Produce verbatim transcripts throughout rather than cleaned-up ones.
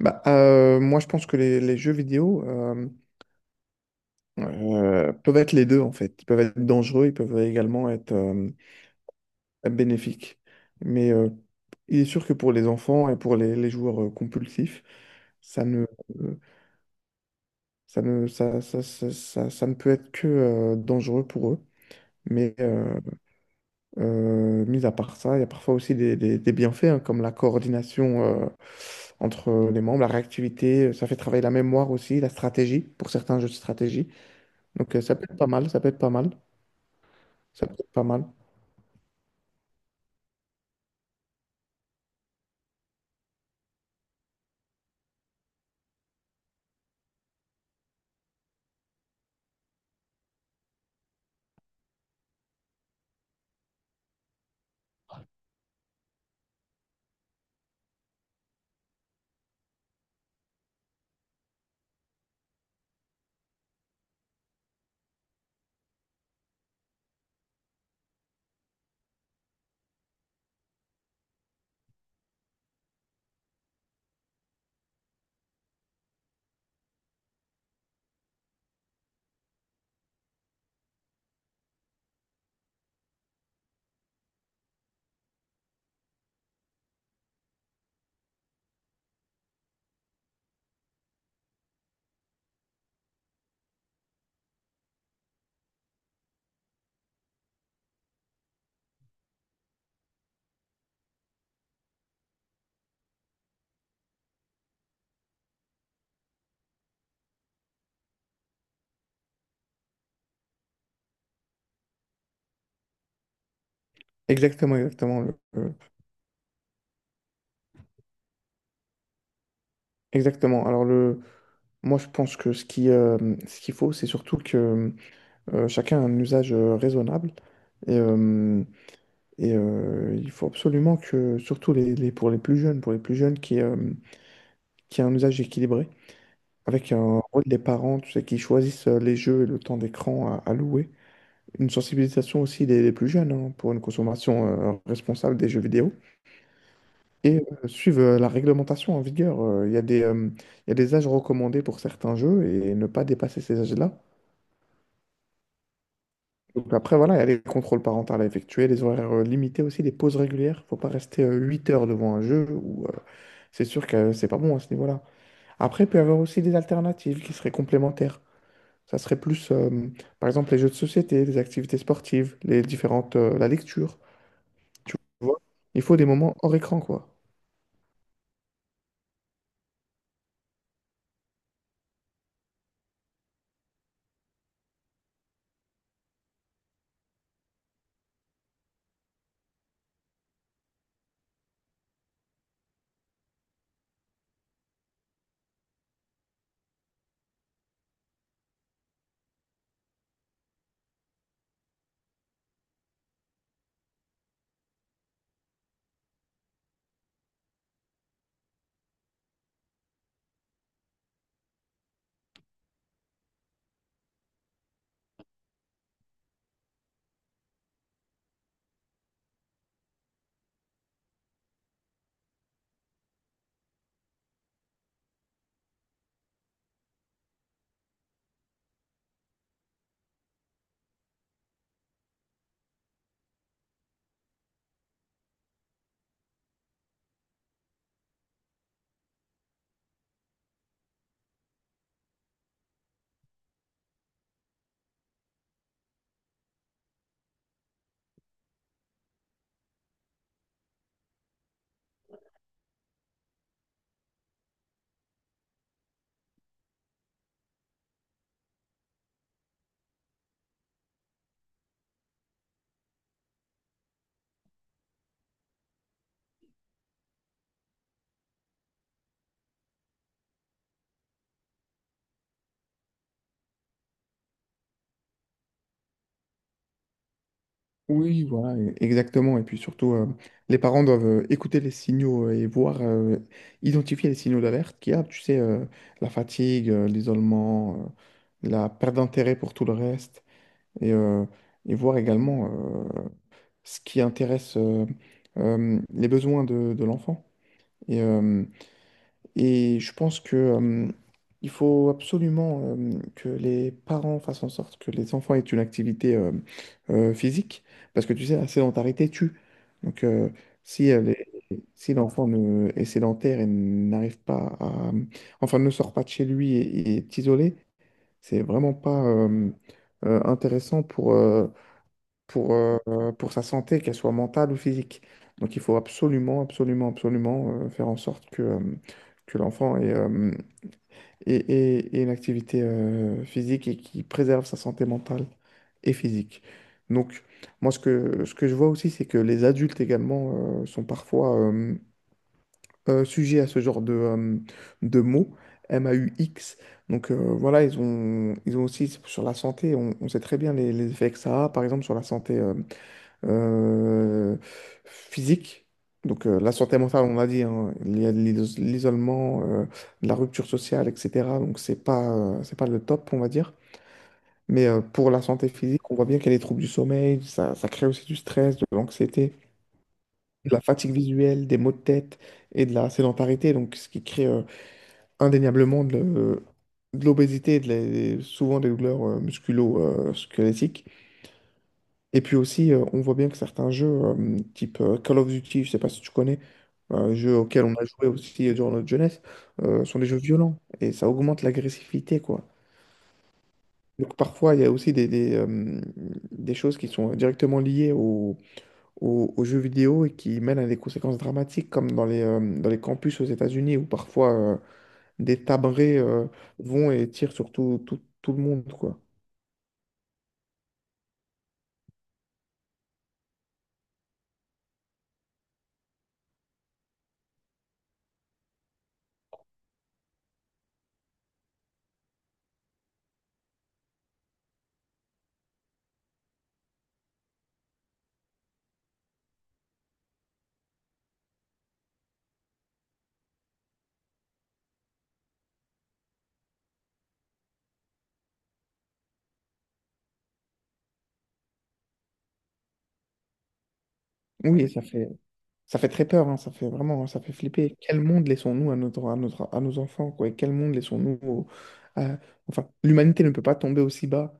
Bah, euh, moi, je pense que les, les jeux vidéo euh, euh, peuvent être les deux, en fait. Ils peuvent être dangereux, ils peuvent également être euh, bénéfiques. Mais euh, il est sûr que pour les enfants et pour les, les joueurs euh, compulsifs, ça ne, euh, ça ne, ça, ça, ça, ça- ça ne peut être que euh, dangereux pour eux. Mais euh, euh, mis à part ça, il y a parfois aussi des, des- des bienfaits, hein, comme la coordination euh, entre les membres, la réactivité, ça fait travailler la mémoire aussi, la stratégie, pour certains jeux de stratégie. Donc euh, ça peut être pas mal, ça peut être pas mal, ça peut être pas mal. Exactement, exactement. le- le- exactement. Alors le, moi je pense que ce qui, euh, ce qu'il faut, c'est surtout que euh, chacun a un usage euh, raisonnable. Et, euh, et euh, il faut absolument que, surtout les, les- pour les plus jeunes, pour les plus jeunes qui, euh, qui a un usage équilibré, avec un rôle des parents, tu sais, qui choisissent euh, les jeux et le temps d'écran à, à louer. Une sensibilisation aussi des, des plus jeunes hein, pour une consommation euh, responsable des jeux vidéo. et euh, suivent euh, la réglementation en vigueur. Euh, Il y a des, euh, il y a des âges recommandés pour certains jeux et ne pas dépasser ces âges-là. Donc après, voilà, il y a les contrôles parentaux à effectuer, les horaires euh, limités aussi, les pauses régulières. Faut pas rester euh, huit heures devant un jeu ou euh, c'est sûr que euh, c'est pas bon à ce niveau-là. Après, il peut y avoir aussi des alternatives qui seraient complémentaires. Ça serait plus, euh, par exemple, les jeux de société, les activités sportives, les différentes, euh, la lecture. Tu vois, il faut des moments hors écran, quoi. Oui, voilà, e- exactement. Et puis surtout, euh, les parents doivent euh, écouter les signaux euh, et voir, euh, identifier les signaux d'alerte qu'il y a. Tu sais, euh, la fatigue, euh, l'isolement, euh, la perte d'intérêt pour tout le reste. Et, euh, et voir également euh, ce qui intéresse euh, euh, les besoins de, de l'enfant. Et, euh, et je pense que, euh, il faut absolument euh, que les parents fassent en sorte que les enfants aient une activité euh, euh, physique, parce que tu sais, la sédentarité tue. Donc, euh, si, elle est- si l'enfant ne- est sédentaire et n'arrive pas à… Enfin, ne sort pas de chez lui et, et est isolé, c'est vraiment pas euh, euh, intéressant pour, euh, pour, euh, euh, pour sa santé, qu'elle soit mentale ou physique. Donc il faut absolument, absolument, absolument euh, faire en sorte que, euh, que l'enfant ait, euh, ait- ait- ait une activité euh, physique et qui préserve sa santé mentale et physique. Donc moi, ce que, ce que je vois aussi, c'est que les adultes également euh, sont parfois euh, euh, sujets à ce genre de, euh, de mots, M-A-U-X. Donc euh, voilà, ils ont, ils ont aussi sur la santé, on, on sait très bien les, les effets que ça a, par exemple sur la santé euh, euh, physique. Donc euh, la santé mentale, on a dit, hein, il y a l'iso- l'isolement, euh, la rupture sociale, et cetera. Donc c'est pas, euh, c'est pas le top, on va dire. Mais euh, pour la santé physique, on voit bien qu'il y a des troubles du sommeil, ça, ça crée aussi du stress, de l'anxiété, de la fatigue visuelle, des maux de tête et de la sédentarité, donc ce qui crée euh, indéniablement de, euh, de l'obésité et de les- souvent des douleurs euh, musculo-squelettiques. Et puis aussi, euh, on voit bien que certains jeux, euh, type euh, Call of Duty, je sais pas si tu connais, un jeu auquel on a joué aussi durant notre jeunesse, euh, sont des jeux violents et ça augmente l'agressivité, quoi. Donc parfois, il y a aussi des, des, euh, des choses qui sont directement liées au- au- aux jeux vidéo et qui mènent à des conséquences dramatiques, comme dans les, euh, dans les campus aux États-Unis, où parfois euh, des tabrés euh, vont et tirent sur tout, tout, tout le monde, quoi. Oui, et ça fait, Ça fait très peur, hein, ça fait vraiment, ça fait flipper. Quel monde laissons-nous à notre, à notre, à nos enfants, quoi, et quel monde laissons-nous au- à- enfin, l'humanité ne peut pas tomber aussi bas.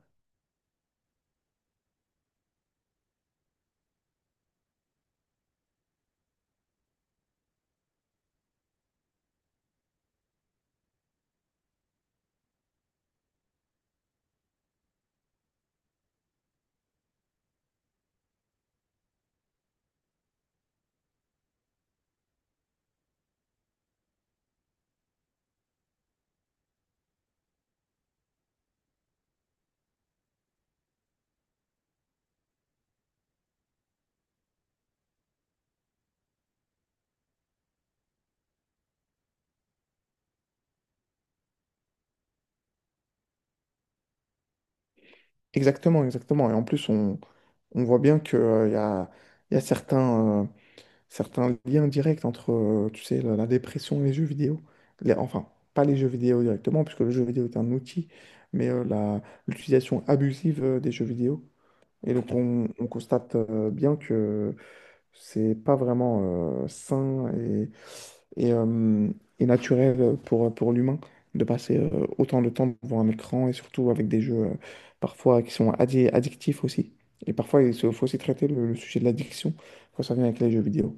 Exactement, exactement. Et en plus, on, on voit bien que, euh, y a, y a certains, euh, certains liens directs entre, euh, tu sais, la, la dépression et les jeux vidéo. Les- enfin, pas les jeux vidéo directement, puisque le jeu vidéo est un outil, mais euh, la, l'utilisation abusive euh, des jeux vidéo. Et donc, on, on constate euh, bien que c'est pas vraiment euh, sain et, et, euh, et naturel pour, pour l'humain de passer euh, autant de temps devant un écran et surtout avec des jeux euh, parfois qui sont addi- addictifs aussi. Et parfois, il se- faut aussi traiter le, le sujet de l'addiction quand ça vient avec les jeux vidéo.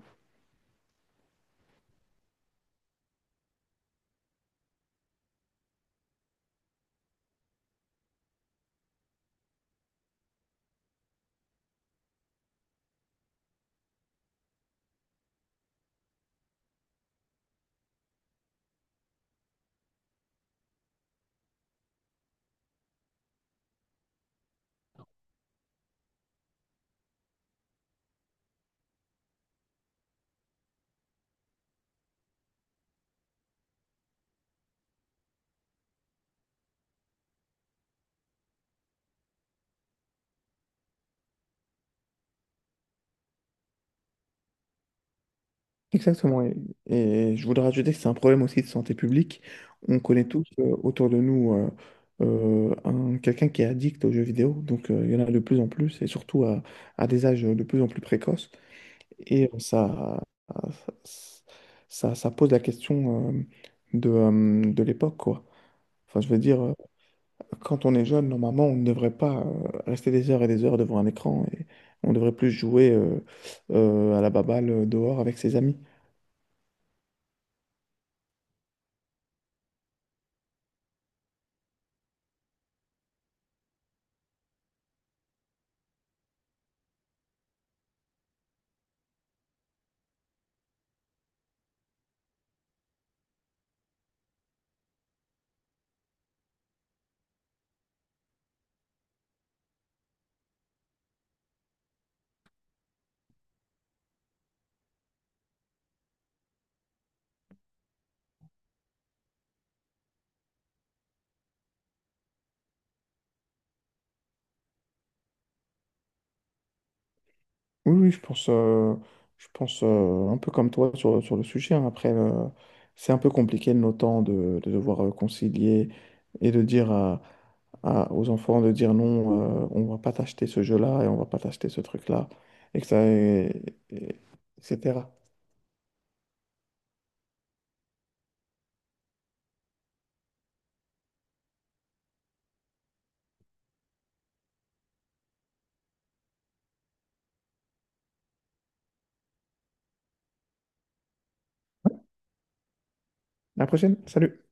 Exactement, et, et je voudrais ajouter que c'est un problème aussi de santé publique. On connaît tous euh, autour de nous euh, euh, un, quelqu'un qui est addict aux jeux vidéo, donc euh, il y en a de plus en plus, et surtout à, à des âges de plus en plus précoces. Et euh, ça, ça, ça- ça pose la question euh, de, euh, de l'époque, quoi. Enfin, je veux dire, euh, quand on est jeune, normalement, on ne devrait pas euh, rester des heures et des heures devant un écran, et on devrait plus jouer euh, euh, à la baballe euh, dehors avec ses amis. Oui, oui, je pense, euh, je pense euh, un peu comme toi sur, sur le sujet. Hein. Après, euh, c'est un peu compliqué de nos temps de, de devoir euh, concilier et de dire à, à- aux enfants de dire non, euh, on va pas t'acheter ce jeu-là et on va pas t'acheter ce truc-là, et que ça, et- et- etc. À la prochaine, salut!